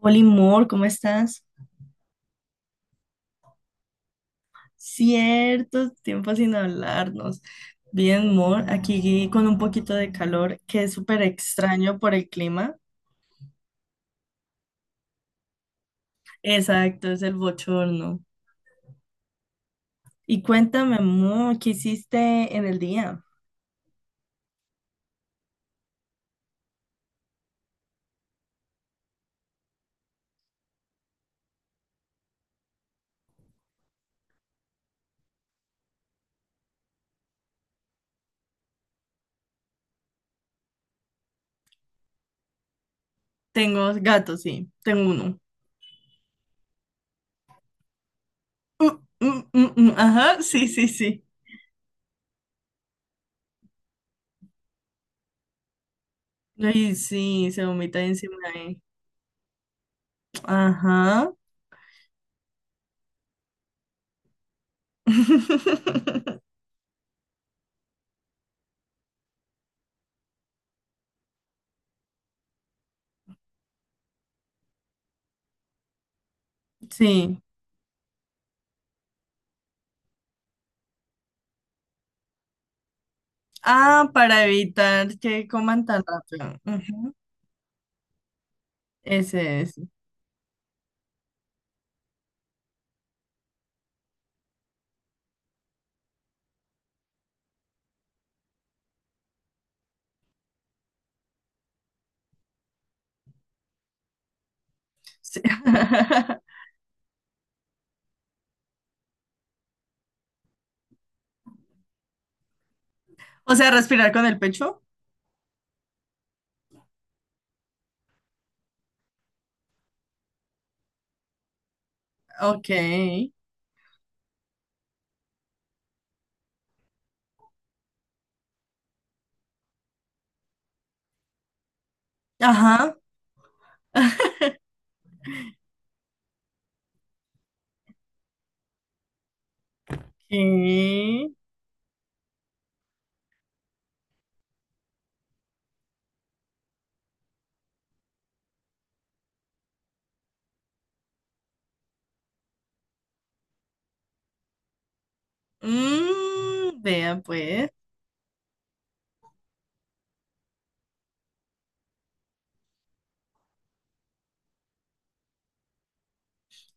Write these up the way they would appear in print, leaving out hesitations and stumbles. Oli Mor, ¿cómo estás? Cierto tiempo sin hablarnos. Bien, Mor, aquí con un poquito de calor, que es súper extraño por el clima. Exacto, es el bochorno. Y cuéntame, Mor, ¿qué hiciste en el día? Tengo gatos, sí, tengo uno. Mm, mm, mm, ajá, sí, sí, sí. Ay, sí, se vomita encima de mí. Ajá. Sí. Ah, para evitar que coman tan rápido. Ese es. Sí. O sea, respirar con el pecho. Ok. Ajá. Sí. Mm, vea pues.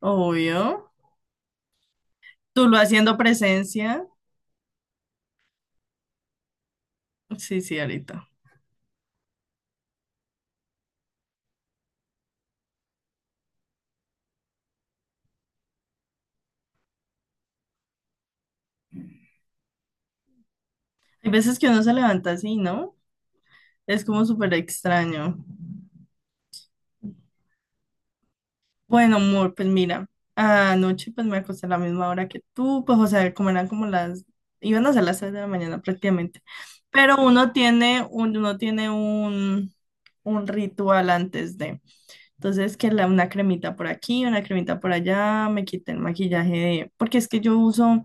Obvio. Tú lo haciendo presencia. Sí, sí, ahorita. Hay veces que uno se levanta así, ¿no? Es como súper extraño. Bueno, amor, pues mira, anoche pues me acosté a la misma hora que tú, pues o sea, como eran como las, iban a ser las 3 de la mañana prácticamente, pero uno tiene un ritual antes de, entonces que la, una cremita por aquí, una cremita por allá, me quité el maquillaje de, porque es que yo uso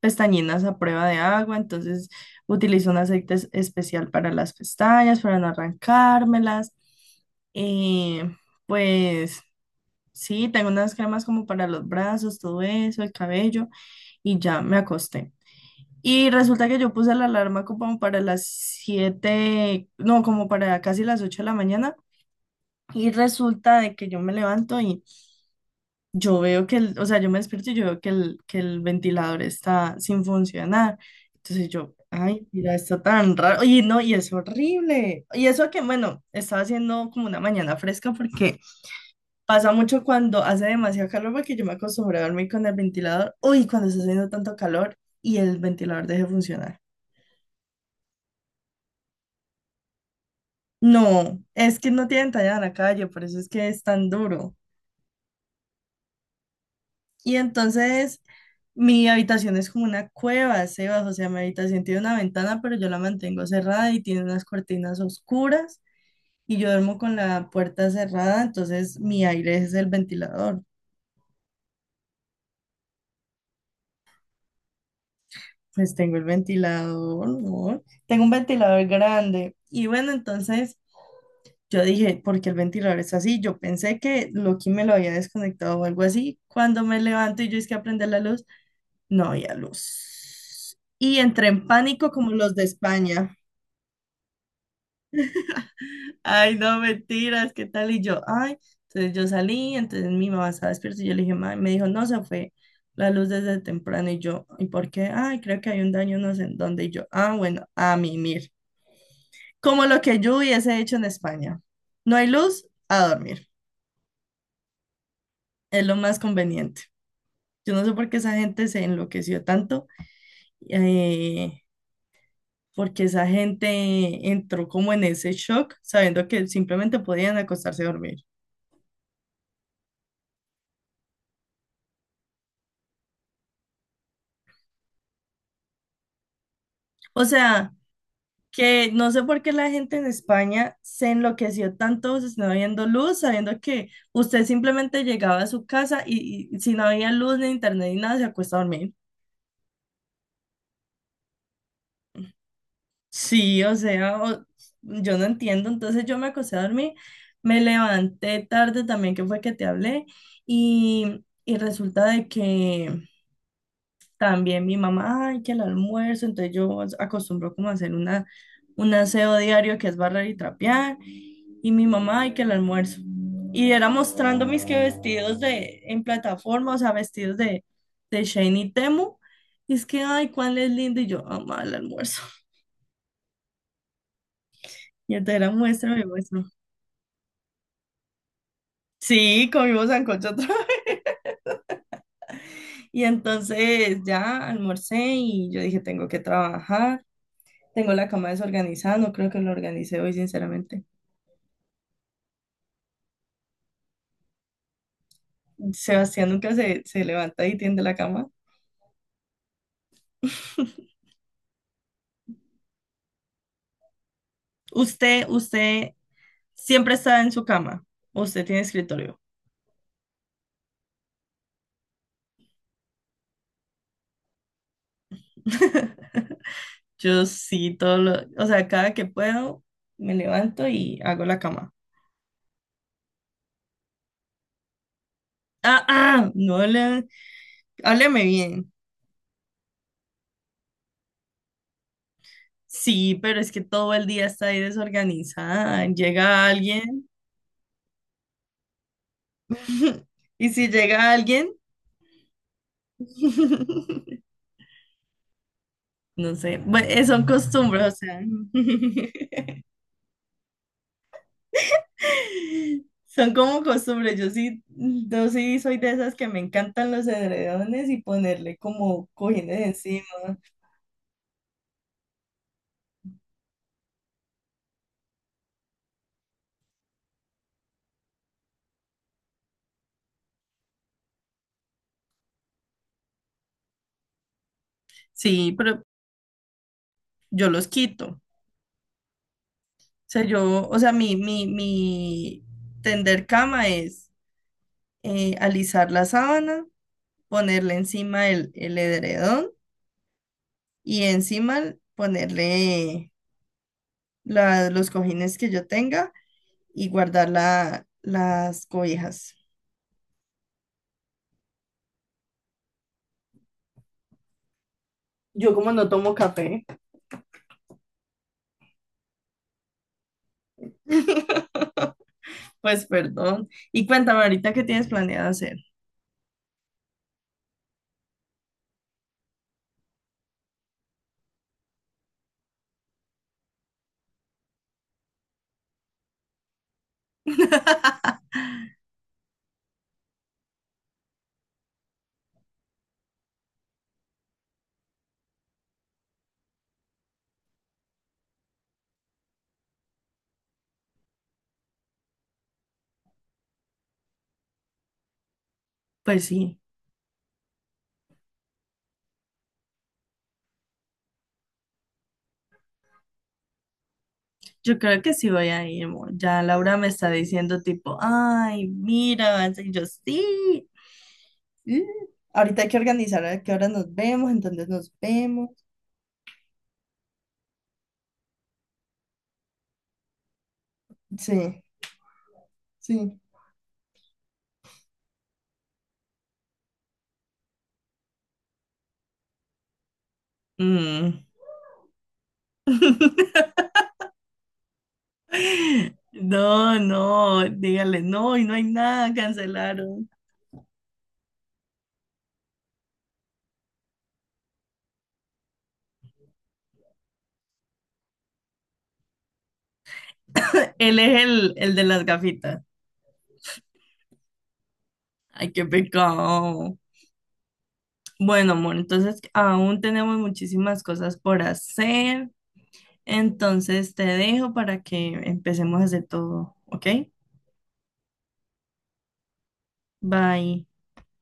pestañinas a prueba de agua, entonces utilizo un aceite especial para las pestañas, para no arrancármelas, eh, pues. Sí, tengo unas cremas como para los brazos, todo eso, el cabello, y ya me acosté. Y resulta que yo puse la alarma como para las 7, no, como para casi las 8 de la mañana. Y resulta de que yo me levanto y yo veo que, el, o sea, yo me despierto y yo veo que el ventilador está sin funcionar. Entonces yo, ay, mira, está tan raro. Y no, y es horrible. Y eso que, bueno, estaba haciendo como una mañana fresca porque pasa mucho cuando hace demasiado calor porque yo me acostumbré a dormir con el ventilador. Uy, cuando está haciendo tanto calor y el ventilador deje de funcionar. No, es que no tienen talla en la calle, por eso es que es tan duro. Y entonces mi habitación es como una cueva, Sebas, o sea, mi habitación tiene una ventana, pero yo la mantengo cerrada y tiene unas cortinas oscuras y yo duermo con la puerta cerrada, entonces mi aire es el ventilador. Pues tengo el ventilador, ¿no? Tengo un ventilador grande. Y bueno, entonces yo dije, ¿por qué el ventilador es así? Yo pensé que Loki me lo había desconectado o algo así. Cuando me levanto y yo es que aprender la luz, no había luz. Y entré en pánico como los de España. Ay, no, mentiras, ¿qué tal? Y yo, ay, entonces yo salí, entonces mi mamá estaba despierta y yo le dije, mamá, me dijo, no, se fue la luz desde temprano. Y yo, ¿y por qué? Ay, creo que hay un daño, no sé en dónde. Y yo, ah, bueno, a mimir. Como lo que yo hubiese hecho en España. No hay luz, a dormir. Es lo más conveniente. Yo no sé por qué esa gente se enloqueció tanto, eh, porque esa gente entró como en ese shock, sabiendo que simplemente podían acostarse a dormir. O sea, que no sé por qué la gente en España se enloqueció tanto si no habiendo luz, sabiendo que usted simplemente llegaba a su casa y si no había luz ni internet ni nada, se acuesta a dormir. Sí, o sea, yo no entiendo. Entonces yo me acosté a dormir, me levanté tarde también, que fue que te hablé, y resulta de que también mi mamá, ay, que el almuerzo, entonces yo acostumbro como a hacer una, un aseo diario que es barrer y trapear, y mi mamá, ay, que el almuerzo. Y era mostrando mis que vestidos en plataforma, o sea, vestidos de Shane y Temu, y es que, ay, cuál es lindo, y yo, mamá, el almuerzo. Y entonces era muestra, me muestra. Sí, comimos sancocho otra vez. Y entonces ya almorcé y yo dije, tengo que trabajar. Tengo la cama desorganizada, no creo que lo organice hoy, sinceramente. Sebastián nunca se levanta y tiende la cama. Usted siempre está en su cama. ¿O Usted tiene escritorio. Yo sí, todo lo, o sea, cada que puedo me levanto y hago la cama. Ah, ah, no le, hábleme bien. Sí, pero es que todo el día está ahí desorganizada. Llega alguien y si llega alguien, no sé, bueno, son costumbres, o sea, son como costumbres. Yo sí, yo sí soy de esas que me encantan los edredones y ponerle como cojines encima. Sí, pero yo los quito. O sea, yo, o sea, mi tender cama es alisar la sábana, ponerle encima el edredón y encima ponerle los cojines que yo tenga y guardar las cobijas. Yo como no tomo café. Pues perdón. Y cuéntame ahorita qué tienes planeado hacer. Pues sí, yo creo que sí voy a ir, amor. Ya Laura me está diciendo tipo, ay, mira, vas a ir". Y yo sí. "Sí". Ahorita hay que organizar a qué hora nos vemos, entonces nos vemos. Sí, sí. Mm. No, no, dígale, no, y no hay nada, cancelaron. Él es el de las gafitas. Ay, qué pecado. Bueno, amor, entonces aún tenemos muchísimas cosas por hacer. Entonces te dejo para que empecemos a hacer todo, ¿ok? Bye.